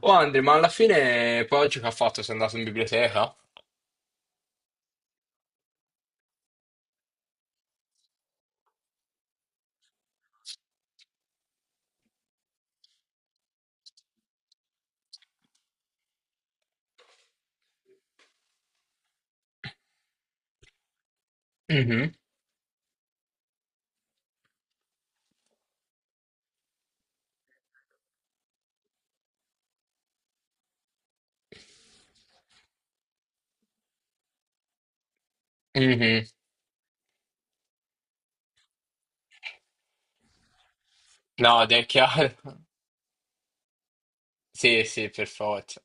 Oh Andre, ma alla fine poi oggi che ha fatto? Sei andato in biblioteca? Mhm, mhm. No, è chiaro. Sì, sì, per forza.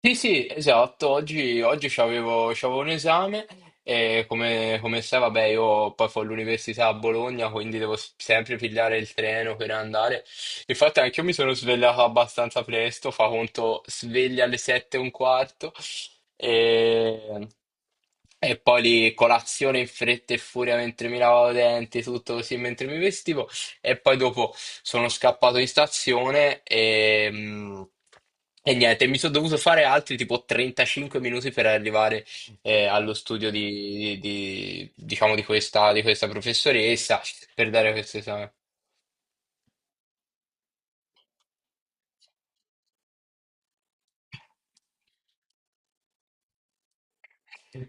Sì, sì, esatto. Oggi, oggi c'avevo un esame e come, come sai, vabbè, io poi fo l'università a Bologna, quindi devo s- sempre pigliare il treno per andare. Infatti anche io mi sono svegliato abbastanza presto, fa conto sveglia alle 7:15 e, e poi lì colazione in fretta e furia mentre mi lavavo i denti, tutto così mentre mi vestivo. E poi dopo sono scappato in stazione e e niente, mi sono dovuto fare altri tipo 35 minuti per arrivare allo studio diciamo, di questa professoressa per dare questo esame.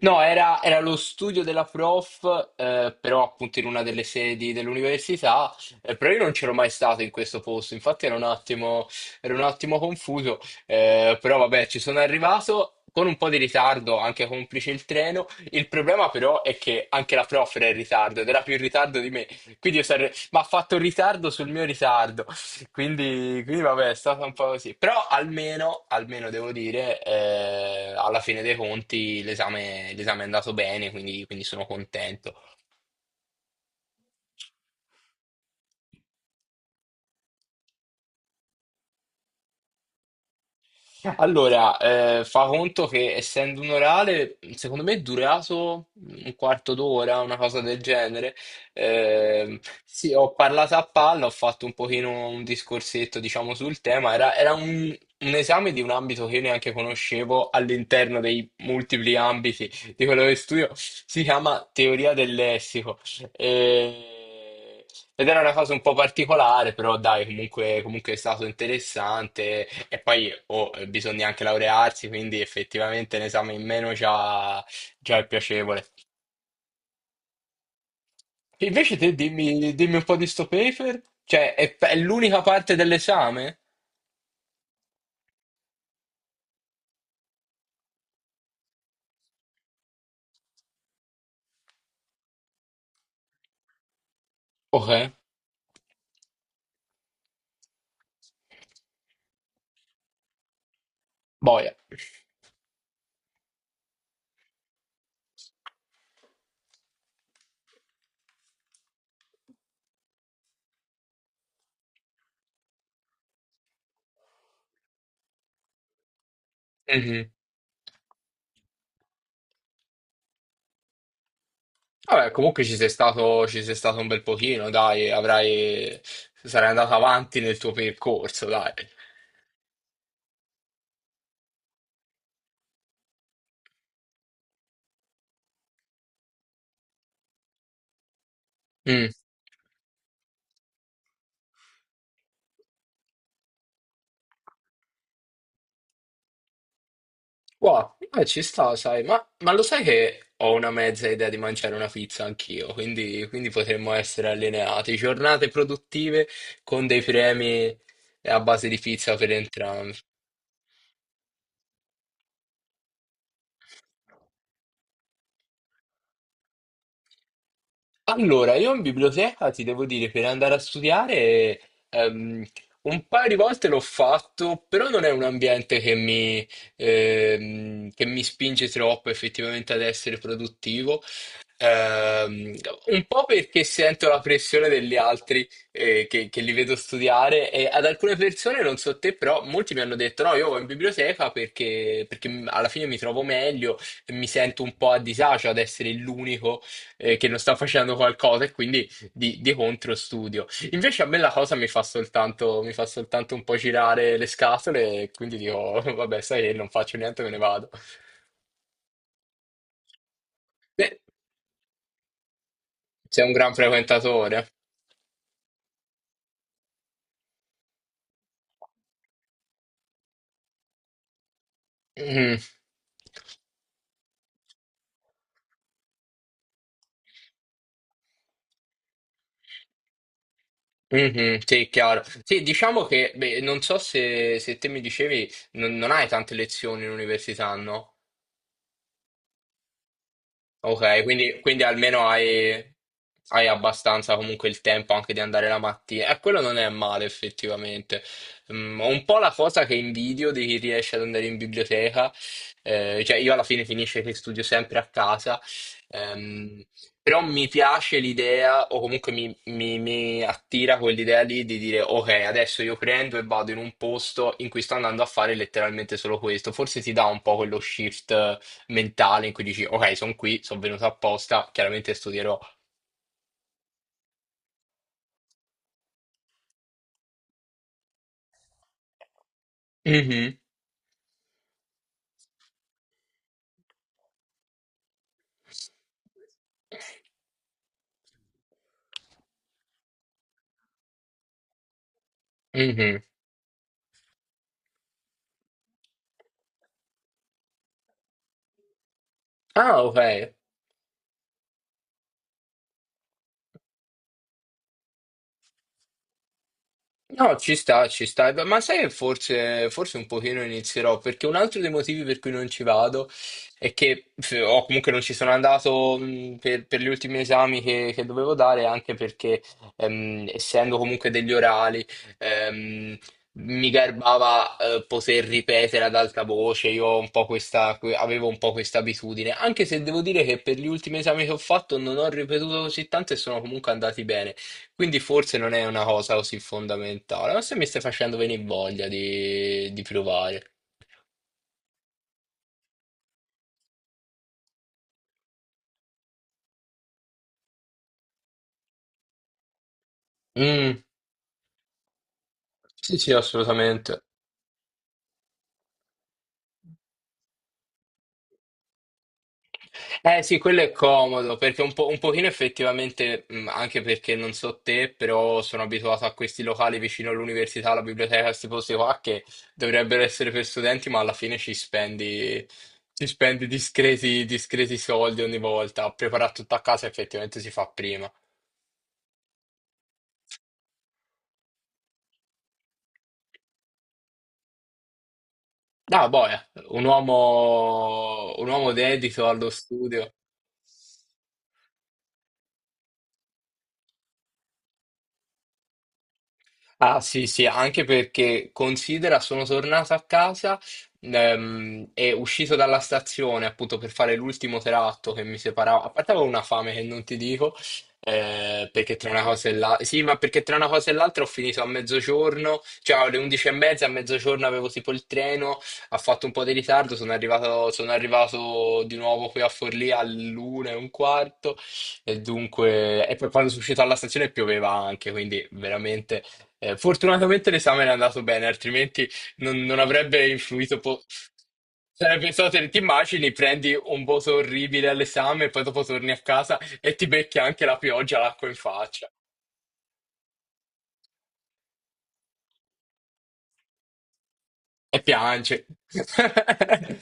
No, era lo studio della prof, però appunto in una delle sedi dell'università, però io non c'ero mai stato in questo posto, infatti ero un attimo confuso, però vabbè, ci sono arrivato con un po' di ritardo, anche complice il treno. Il problema però è che anche la prof era in ritardo ed era più in ritardo di me, quindi io sarei... ma ha fatto ritardo sul mio ritardo, quindi vabbè, è stata un po' così. Però almeno, almeno devo dire, alla fine dei conti l'esame è andato bene, quindi sono contento. Allora, fa conto che essendo un orale, secondo me è durato un quarto d'ora, una cosa del genere. Ehm, sì, ho parlato a palla, ho fatto un pochino un discorsetto, diciamo, sul tema. Era un esame di un ambito che io neanche conoscevo all'interno dei multipli ambiti di quello che studio. Si chiama teoria del lessico. E- Ed era una cosa un po' particolare, però dai, comunque è stato interessante. E poi oh, bisogna anche laurearsi, quindi effettivamente l'esame in meno già, già è piacevole. Invece te dimmi, dimmi un po' di sto paper, cioè è l'unica parte dell'esame? Ok, boia. Mhm. Vabbè, comunque ci sei stato un bel pochino, dai, avrai, sarai andato avanti nel tuo percorso, dai. Mm. Wow, ci sta, sai, ma lo sai che ho una mezza idea di mangiare una pizza anch'io, quindi potremmo essere allineati. Giornate produttive con dei premi a base di pizza per entrambi. Allora, io in biblioteca ti devo dire, per andare a studiare, ehm, un paio di volte l'ho fatto, però non è un ambiente che mi spinge troppo effettivamente ad essere produttivo. Ehm, un po' perché sento la pressione degli altri che li vedo studiare, e ad alcune persone, non so te, però molti mi hanno detto no, io vado in biblioteca perché m- alla fine mi trovo meglio e mi sento un po' a disagio ad essere l'unico che non sta facendo qualcosa e quindi di contro studio. Invece a me la cosa mi fa soltanto un po' girare le scatole e quindi dico vabbè, sai che non faccio niente, me ne vado. Beh, sei un gran frequentatore. Mhm. Mhm, sì, chiaro. Sì, diciamo che, beh, non so se, se te mi dicevi, non, non hai tante lezioni in università, no? Ok, quindi almeno hai, hai abbastanza comunque il tempo anche di andare la mattina. E quello non è male effettivamente. Mm, ho un po' la cosa che invidio di chi riesce ad andare in biblioteca. Cioè io alla fine finisce che studio sempre a casa. Ehm, Però mi piace l'idea, o comunque mi attira quell'idea lì di dire ok, adesso io prendo e vado in un posto in cui sto andando a fare letteralmente solo questo. Forse ti dà un po' quello shift mentale in cui dici, ok, sono qui, sono venuto apposta, chiaramente studierò. Mhm, mhm. Ah, ok. No, ci sta, ci sta. Ma sai che forse un pochino inizierò, perché un altro dei motivi per cui non ci vado è che, f- o comunque non ci sono andato per gli ultimi esami che dovevo dare, anche perché essendo comunque degli orali, ehm, mi garbava poter ripetere ad alta voce, io ho un po' questa, que- avevo un po' questa abitudine, anche se devo dire che per gli ultimi esami che ho fatto non ho ripetuto così tanto e sono comunque andati bene. Quindi forse non è una cosa così fondamentale, ma se mi stai facendo venire voglia di provare. Mm, sì, sì, assolutamente. Eh sì, quello è comodo, perché un po', un pochino effettivamente, mm, anche perché non so te, però sono abituato a questi locali vicino all'università, alla biblioteca, questi posti qua che dovrebbero essere per studenti, ma alla fine ci spendi discreti, discreti soldi ogni volta. A preparare tutto a casa effettivamente si fa prima. No, boia, un uomo dedito allo studio. Ah sì, sì, anche perché considera, sono tornato a casa e uscito dalla stazione appunto per fare l'ultimo tratto che mi separava. A parte avevo una fame che non ti dico, perché tra una cosa e l'altra. Sì, ma perché tra una cosa e l'altra ho finito a mezzogiorno, cioè alle 11 e mezza, a mezzogiorno avevo tipo il treno, ha fatto un po' di ritardo, sono arrivato di nuovo qui a Forlì all'1:15. E dunque, e poi quando sono uscito dalla stazione pioveva anche, quindi veramente fortunatamente l'esame è andato bene, altrimenti non, non avrebbe influito. Po- Sarebbe stato, te- ti immagini, prendi un voto orribile all'esame, poi dopo torni a casa e ti becchi anche la pioggia, l'acqua in faccia e piange.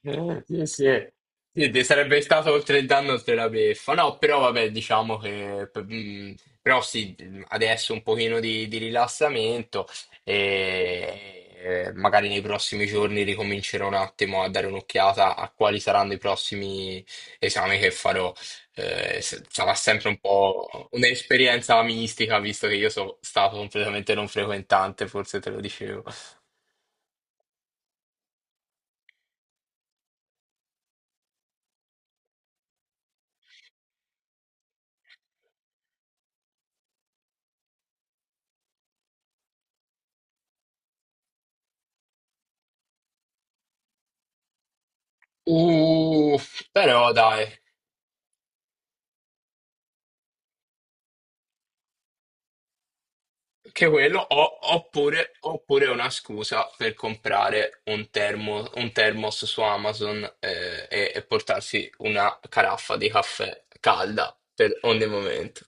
Sì, sì. Sì, ti sarebbe stato oltre il danno, oltre la beffa. No, però vabbè, diciamo che... p- mm, però sì, adesso un pochino di rilassamento e magari nei prossimi giorni ricomincerò un attimo a dare un'occhiata a quali saranno i prossimi esami che farò. S- sarà sempre un po' un'esperienza mistica, visto che io sono stato completamente non frequentante, forse te lo dicevo. Uh, però dai. Che quello, o- oppure, oppure è una scusa per comprare un, termo- un thermos su Amazon e portarsi una caraffa di caffè calda per ogni momento.